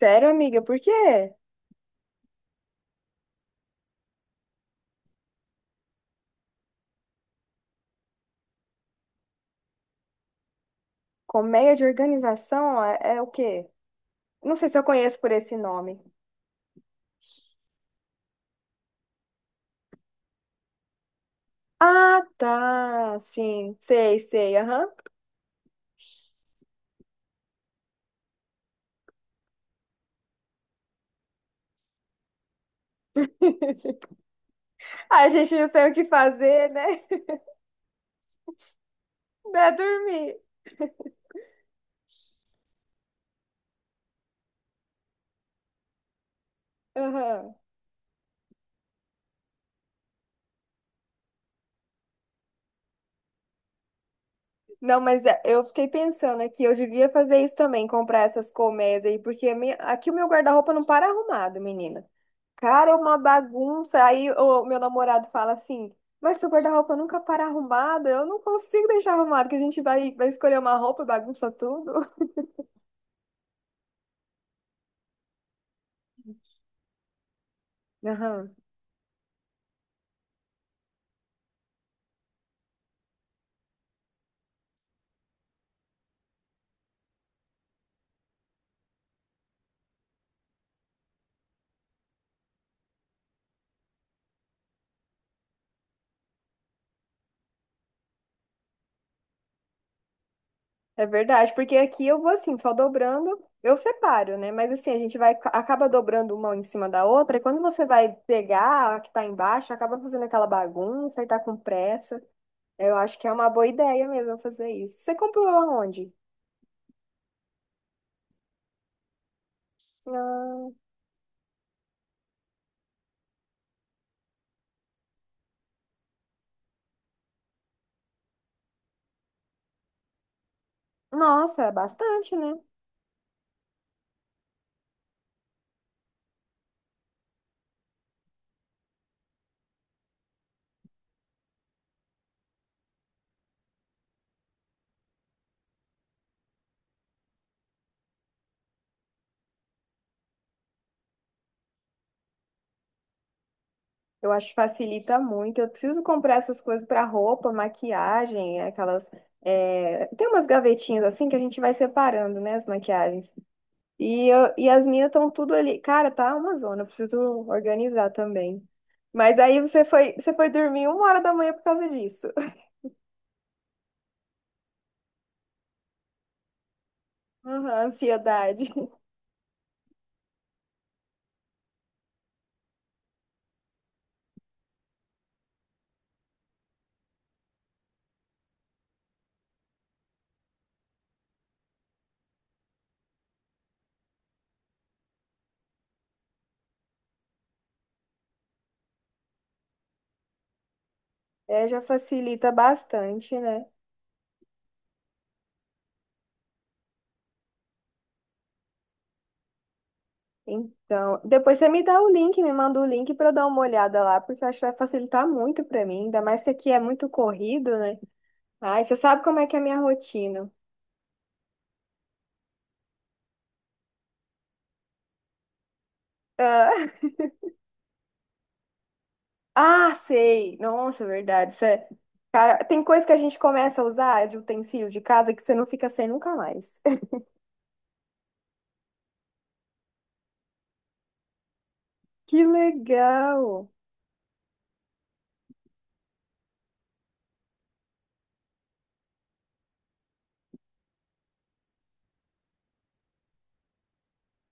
Sério, amiga, por quê? Colmeia de organização é o quê? Não sei se eu conheço por esse nome. Ah, tá. Sim, sei, sei. Aham. A gente não sabe o que fazer, né? Dá dormir. Aham. Não, mas é, eu fiquei pensando aqui, eu devia fazer isso também, comprar essas colmeias aí, porque a minha- aqui o meu guarda-roupa não para arrumado, menina. Cara, é uma bagunça. Aí o meu namorado fala assim: mas seu guarda-roupa nunca para arrumado. Eu não consigo deixar arrumado, que a gente vai escolher uma roupa e bagunça tudo. Aham. É verdade, porque aqui eu vou assim, só dobrando, eu separo, né? Mas assim, a gente vai, acaba dobrando uma em cima da outra, e quando você vai pegar a que tá embaixo, acaba fazendo aquela bagunça e tá com pressa. Eu acho que é uma boa ideia mesmo fazer isso. Você comprou aonde? Ah, nossa, é bastante, né? Eu acho que facilita muito. Eu preciso comprar essas coisas para roupa, maquiagem, aquelas. Tem umas gavetinhas assim que a gente vai separando, né, as maquiagens. E as minhas estão tudo ali. Cara, tá uma zona, eu preciso organizar também. Mas aí você foi dormir uma hora da manhã por causa disso. Aham, ansiedade. É, já facilita bastante, né? Então, depois você me dá o link, me manda o link para eu dar uma olhada lá, porque eu acho que vai facilitar muito para mim, ainda mais que aqui é muito corrido, né? Ai, você sabe como é que é a minha rotina. Ah, ah, sei. Nossa, verdade. Isso é- Cara, tem coisa que a gente começa a usar de utensílio de casa que você não fica sem nunca mais. Que legal!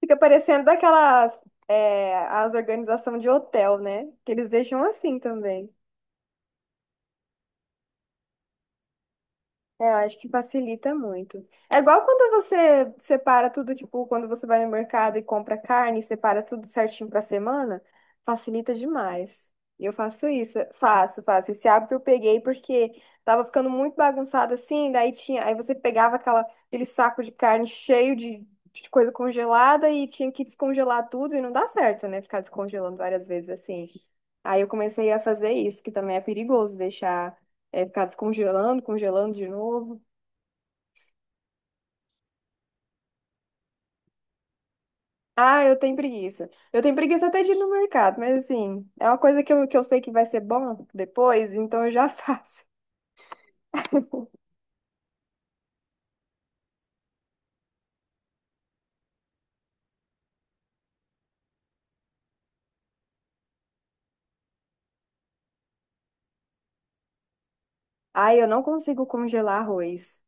Fica parecendo daquelas, é, as organizações de hotel, né? Que eles deixam assim também. É, eu acho que facilita muito. É igual quando você separa tudo, tipo, quando você vai no mercado e compra carne, separa tudo certinho pra semana, facilita demais. E eu faço isso, faço, faço. Esse hábito eu peguei porque tava ficando muito bagunçado assim, daí tinha, aí você pegava aquela, aquele saco de carne cheio de coisa congelada e tinha que descongelar tudo e não dá certo, né? Ficar descongelando várias vezes assim. Aí eu comecei a fazer isso, que também é perigoso deixar é ficar descongelando, congelando de novo. Ah, eu tenho preguiça. Eu tenho preguiça até de ir no mercado, mas assim, é uma coisa que eu sei que vai ser bom depois, então eu já faço. Ah, eu não consigo congelar arroz.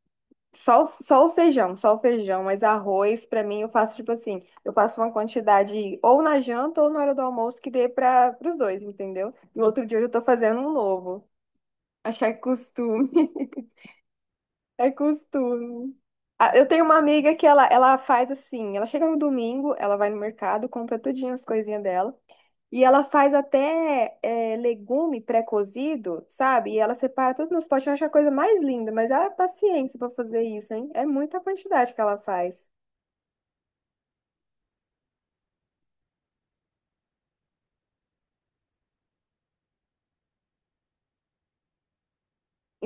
Só, o- só o feijão, mas arroz, pra mim, eu faço tipo assim, eu faço uma quantidade ou na janta ou na hora do almoço que dê para os dois, entendeu? No outro dia eu já tô fazendo um novo. Acho que é costume. É costume. Ah, eu tenho uma amiga que ela faz assim, ela chega no domingo, ela vai no mercado, compra tudinho as coisinhas dela, e ela faz até é, legume pré-cozido, sabe? E ela separa tudo nos potes, eu acho a coisa mais linda, mas ela é paciência pra fazer isso, hein? É muita quantidade que ela faz.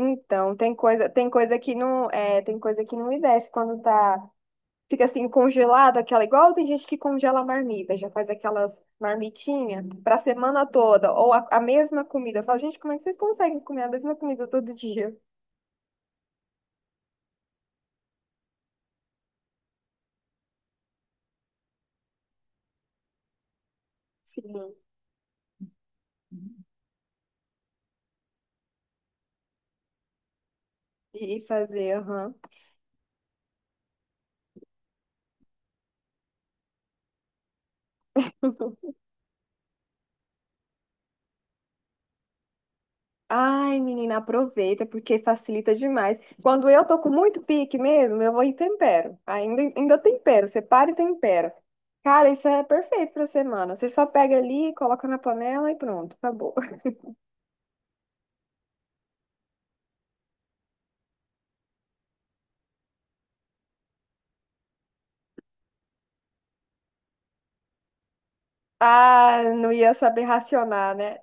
Então, tem coisa que não, é, tem coisa que não me desce quando tá fica assim congelado, aquela igual tem gente que congela a marmita, já faz aquelas marmitinhas para semana toda, ou a mesma comida. Eu falo, gente, como é que vocês conseguem comer a mesma comida todo dia? Sim. E fazer, aham. Ai, menina, aproveita, porque facilita demais. Quando eu tô com muito pique mesmo, eu vou e tempero. Ainda, ainda tempero, separa e tempera. Cara, isso é perfeito pra semana. Você só pega ali, coloca na panela e pronto, acabou. Ah, não ia saber racionar, né?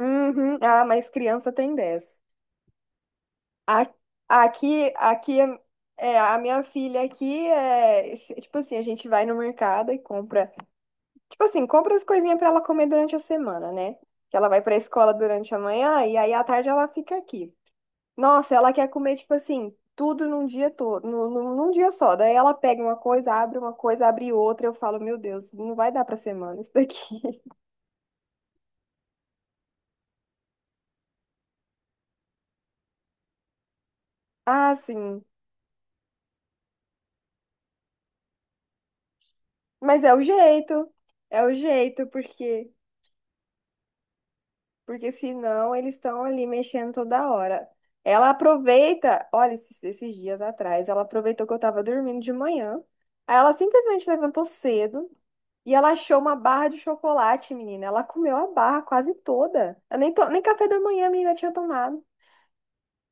Uhum. Ah, mas criança tem 10 A- Aqui, aqui é, é, a minha filha aqui é se- tipo assim, a gente vai no mercado e compra, tipo assim, compra as coisinhas pra ela comer durante a semana, né? Que ela vai pra escola durante a manhã e aí à tarde ela fica aqui. Nossa, ela quer comer tipo assim, tudo num dia todo, num, num dia só. Daí ela pega uma coisa, abre outra, eu falo, meu Deus, não vai dar pra semana isso daqui. Ah, sim. Mas é o jeito. É o jeito, porque porque senão eles estão ali mexendo toda hora. Ela aproveita, olha, esses, esses dias atrás, ela aproveitou que eu tava dormindo de manhã. Aí ela simplesmente levantou cedo e ela achou uma barra de chocolate, menina. Ela comeu a barra quase toda. Eu nem, to- nem café da manhã a menina tinha tomado.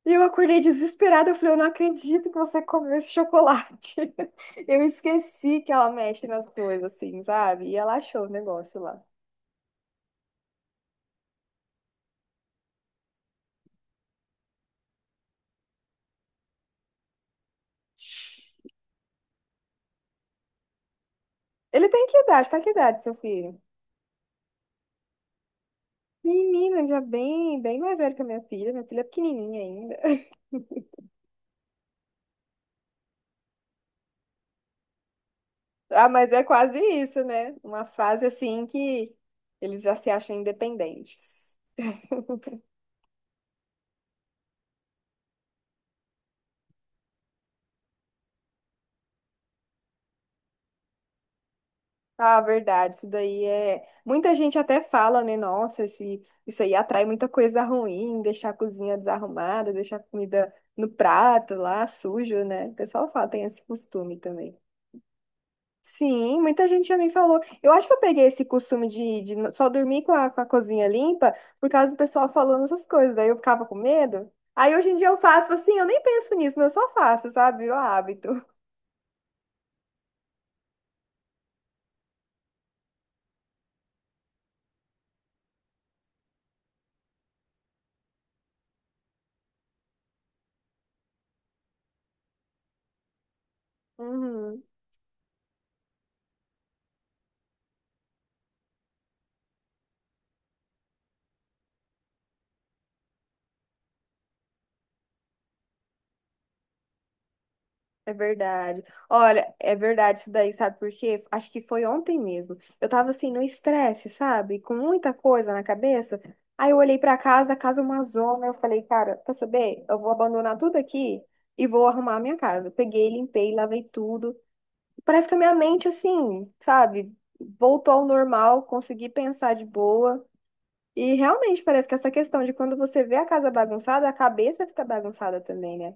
E eu acordei desesperada. Eu falei, eu não acredito que você comeu esse chocolate. Eu esqueci que ela mexe nas coisas, assim, sabe? E ela achou o negócio lá. Ele tem que idade? Tá que idade, seu filho? Menina, já bem, bem mais velha que a minha filha. Minha filha é pequenininha ainda. Ah, mas é quase isso, né? Uma fase assim que eles já se acham independentes. Ah, verdade, isso daí é. Muita gente até fala, né? Nossa, esse... isso aí atrai muita coisa ruim, deixar a cozinha desarrumada, deixar a comida no prato lá, sujo, né? O pessoal fala, tem esse costume também. Sim, muita gente já me falou. Eu acho que eu peguei esse costume de no- só dormir com a cozinha limpa por causa do pessoal falando essas coisas. Daí eu ficava com medo. Aí hoje em dia eu faço assim, eu nem penso nisso, mas eu só faço, sabe? Virou hábito. Uhum, é verdade. Olha, é verdade isso daí, sabe por quê? Acho que foi ontem mesmo. Eu tava assim no estresse, sabe? Com muita coisa na cabeça. Aí eu olhei pra casa, a casa é uma zona. Eu falei, cara, quer saber? Eu vou abandonar tudo aqui e vou arrumar a minha casa. Peguei, limpei, lavei tudo. Parece que a minha mente, assim, sabe, voltou ao normal, consegui pensar de boa. E realmente parece que essa questão de quando você vê a casa bagunçada, a cabeça fica bagunçada também, né?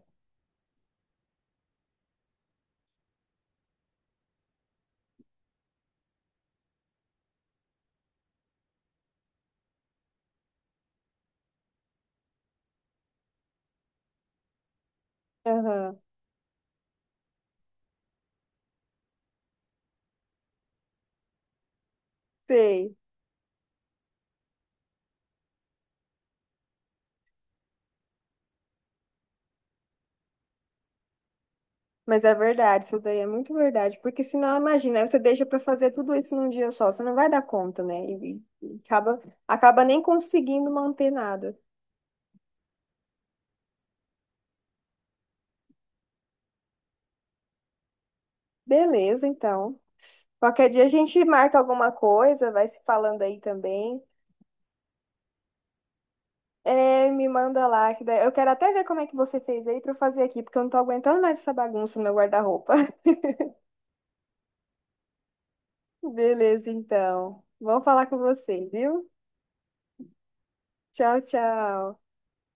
Aham. Sei. Mas é verdade, isso daí é muito verdade. Porque senão, imagina, aí você deixa pra fazer tudo isso num dia só, você não vai dar conta, né? E acaba, acaba nem conseguindo manter nada. Beleza, então. Qualquer dia a gente marca alguma coisa, vai se falando aí também. É, me manda lá, que daí- eu quero até ver como é que você fez aí pra eu fazer aqui, porque eu não tô aguentando mais essa bagunça no meu guarda-roupa. Beleza, então. Vamos falar com você, viu? Tchau, tchau.